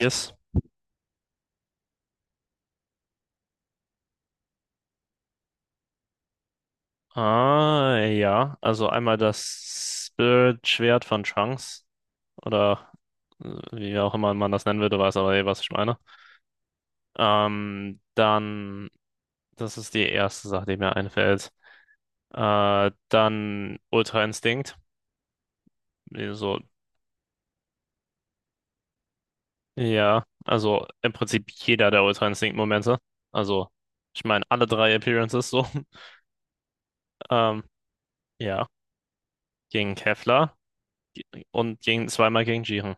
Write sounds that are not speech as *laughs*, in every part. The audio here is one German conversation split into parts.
Yes. Ah, ja. Also einmal das Spirit-Schwert von Trunks oder äh, wie auch immer man das nennen würde, weiß aber eh, was ich meine. Ähm, dann, Das ist die erste Sache, die mir einfällt. Dann Ultra Instinct. So, ja. Also im Prinzip jeder der Ultra Instinct-Momente. Also, ich meine, alle drei Appearances so. *laughs* Ähm, ja. Gegen Kefla und gegen zweimal gegen Jiren.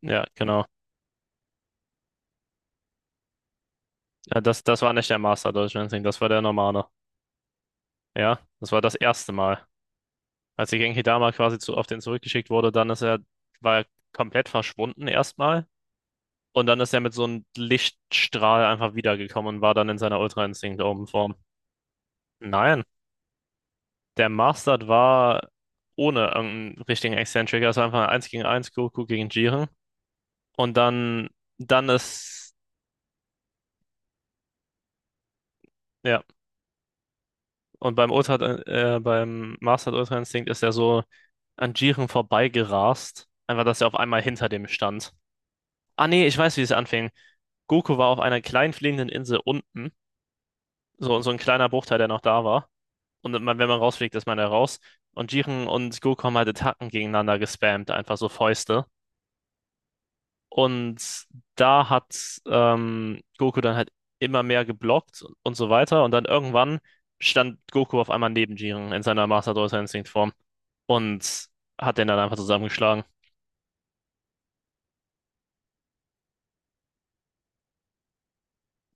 Ja, genau. Ja, das war nicht der Master Deutschland, das war der normale. Ja, das war das erste Mal. Als die Genkidama quasi zu, auf den zurückgeschickt wurde, dann ist er, war er komplett verschwunden erstmal. Und dann ist er mit so einem Lichtstrahl einfach wiedergekommen und war dann in seiner Ultra Instinct oben Form. Nein, der Mastered war ohne irgendeinen richtigen Eccentric. Es war einfach eins gegen eins Goku gegen Jiren. Und dann ist, ja. Und beim Ultra, beim Master Ultra Instinct ist er so an Jiren vorbeigerast. Einfach, dass er auf einmal hinter dem stand. Ah nee, ich weiß, wie es anfing. Goku war auf einer kleinen fliegenden Insel unten. So, so ein kleiner Bruchteil, der noch da war. Und man, wenn man rausfliegt, ist man da raus. Und Jiren und Goku haben halt Attacken gegeneinander gespammt, einfach so Fäuste. Und da hat Goku dann halt immer mehr geblockt und so weiter. Und dann irgendwann stand Goku auf einmal neben Jiren in seiner Master Ultra Instinct Form. Und hat den dann einfach zusammengeschlagen.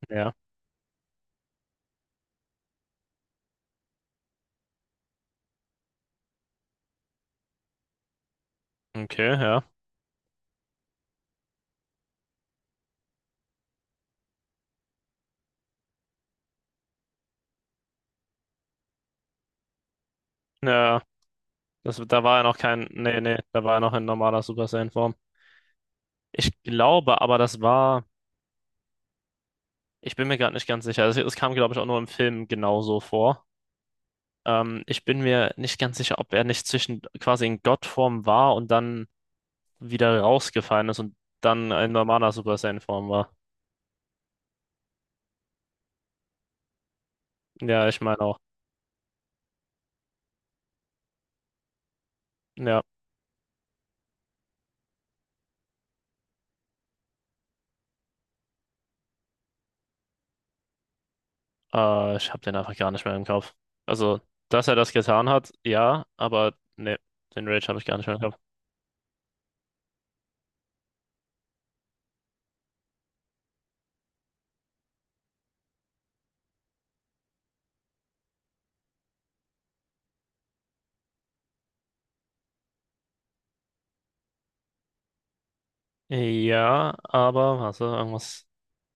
Ja. Okay, ja. Ja, da war er noch kein, nee, nee, da war er noch in normaler Super Saiyan-Form. Ich glaube aber, das war, ich bin mir gerade nicht ganz sicher. Es kam, glaube ich, auch nur im Film genauso vor. Ich bin mir nicht ganz sicher, ob er nicht zwischen quasi in Gottform war und dann wieder rausgefallen ist und dann in normaler Super Saiyan-Form war. Ja, ich meine auch. Ja. Ich habe den einfach gar nicht mehr im Kopf. Also, dass er das getan hat, ja, aber ne, den Rage habe ich gar nicht mehr im Kopf. Ja, aber, warte, irgendwas,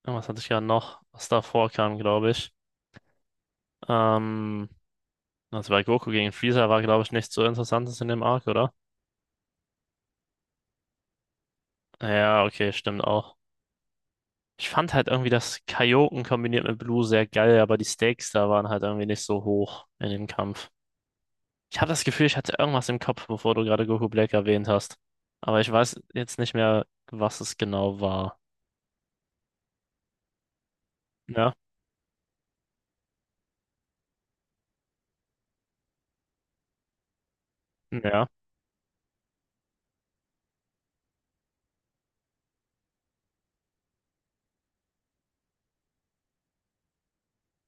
irgendwas hatte ich gerade noch, was davor kam, glaube ich. Ähm, also bei Goku gegen Freezer war, glaube ich, nichts so Interessantes in dem Arc, oder? Ja, okay, stimmt auch. Ich fand halt irgendwie das Kaioken kombiniert mit Blue sehr geil, aber die Stakes da waren halt irgendwie nicht so hoch in dem Kampf. Ich habe das Gefühl, ich hatte irgendwas im Kopf, bevor du gerade Goku Black erwähnt hast. Aber ich weiß jetzt nicht mehr, was es genau war. Ja, ja,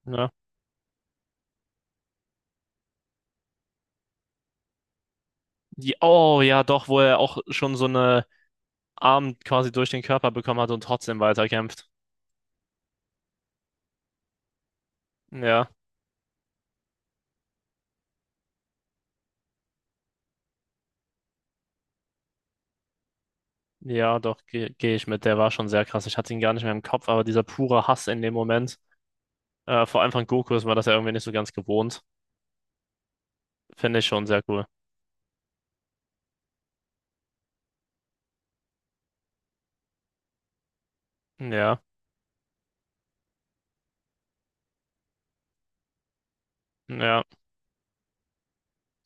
ja. Oh ja, doch, wo er auch schon so eine Arm quasi durch den Körper bekommen hat und trotzdem weiterkämpft. Ja, ja, doch, geh ich mit. Der war schon sehr krass. Ich hatte ihn gar nicht mehr im Kopf, aber dieser pure Hass in dem Moment, vor allem von Goku, ist man das ja irgendwie nicht so ganz gewohnt. Finde ich schon sehr cool. Ja, ja,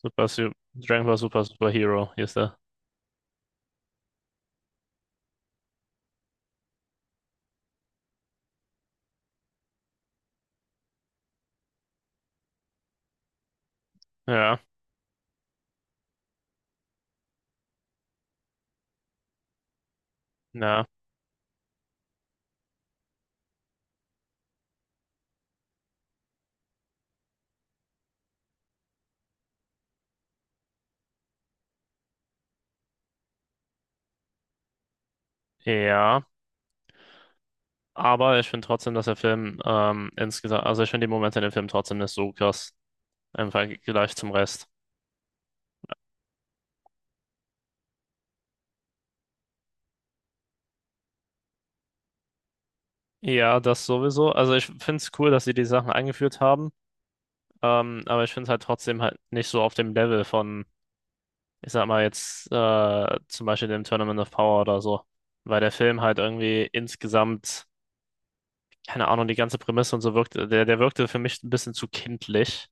super, Dragon Ball Super Super Hero, hier ist er. Ja, ja, ja. Aber ich finde trotzdem, dass der Film insgesamt, also ich finde die Momente in dem Film trotzdem nicht so krass im Vergleich zum Rest. Ja, das sowieso. Also ich finde es cool, dass sie die Sachen eingeführt haben, aber ich finde es halt trotzdem halt nicht so auf dem Level von, ich sag mal jetzt zum Beispiel dem Tournament of Power oder so, weil der Film halt irgendwie insgesamt, keine Ahnung, die ganze Prämisse und so wirkte, der wirkte für mich ein bisschen zu kindlich.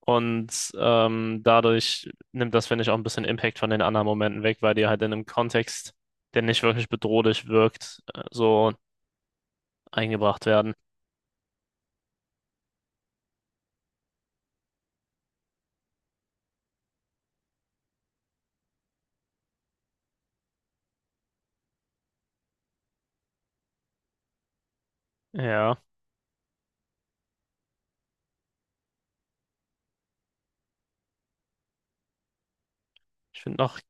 Und dadurch nimmt das, finde ich, auch ein bisschen Impact von den anderen Momenten weg, weil die halt in einem Kontext, der nicht wirklich bedrohlich wirkt, so eingebracht werden. Ja, ich finde noch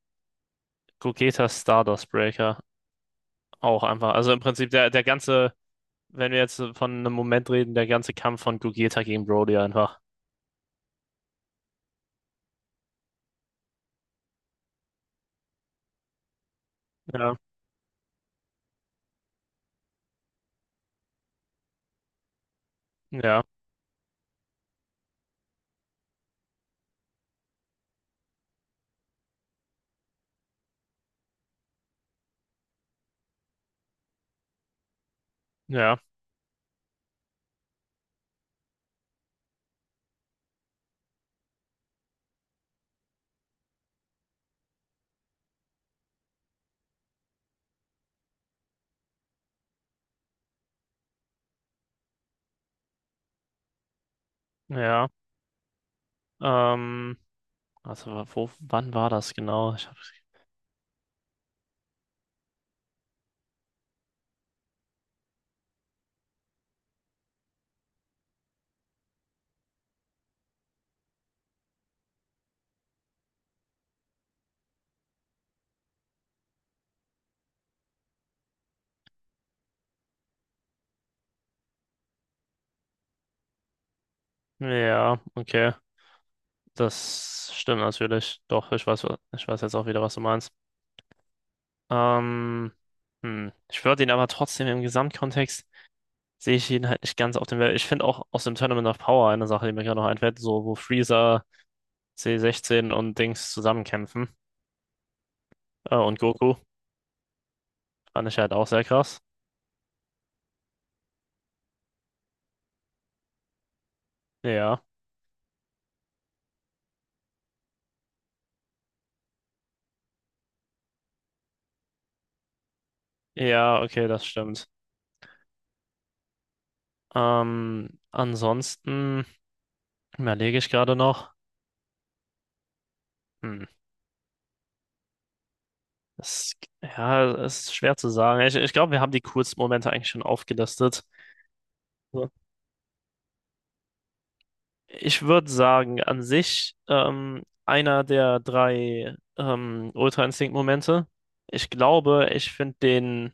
Gogetas Stardust Breaker auch einfach. Also im Prinzip der ganze, wenn wir jetzt von einem Moment reden, der ganze Kampf von Gogeta gegen Broly einfach. Ja, ja, ja, ja. Ähm, also wann war das genau? Ja, okay. Das stimmt natürlich. Doch, ich weiß jetzt auch wieder, was du meinst. Ähm, hm. Ich würde ihn aber trotzdem im Gesamtkontext sehe ich ihn halt nicht ganz auf dem Level. Ich finde auch aus dem Tournament of Power eine Sache, die mir gerade noch einfällt, so wo Freezer, C16 und Dings zusammenkämpfen. Und Goku fand ich halt auch sehr krass. Ja. Ja, okay, das stimmt. Ansonsten überlege ich gerade noch. Hm. Das, ja, es ist schwer zu sagen. Ich glaube, wir haben die coolsten Momente eigentlich schon aufgelistet. So. Ich würde sagen, an sich einer der drei Ultra Instinct-Momente. Ich glaube, ich finde den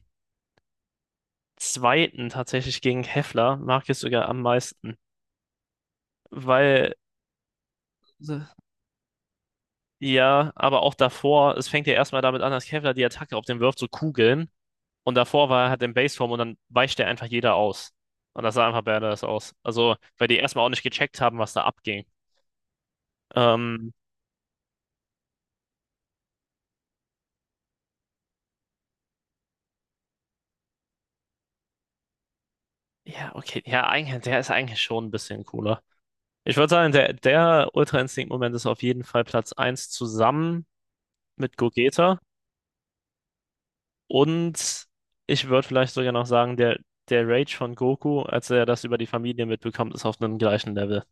zweiten tatsächlich gegen Heffler mag ich sogar am meisten. Weil, So. Ja, aber auch davor, es fängt ja erstmal damit an, dass Heffler die Attacke auf den wirft, so Kugeln. Und davor war er halt in Baseform und dann weicht er einfach jeder aus. Und das sah einfach badass aus. Also, weil die erstmal auch nicht gecheckt haben, was da abging. Ähm, ja, okay, ja, eigentlich, der ist eigentlich schon ein bisschen cooler. Ich würde sagen, der Ultra-Instinkt-Moment ist auf jeden Fall Platz eins zusammen mit Gogeta. Und ich würde vielleicht sogar noch sagen, der Rage von Goku, als er das über die Familie mitbekommt, ist auf einem gleichen Level.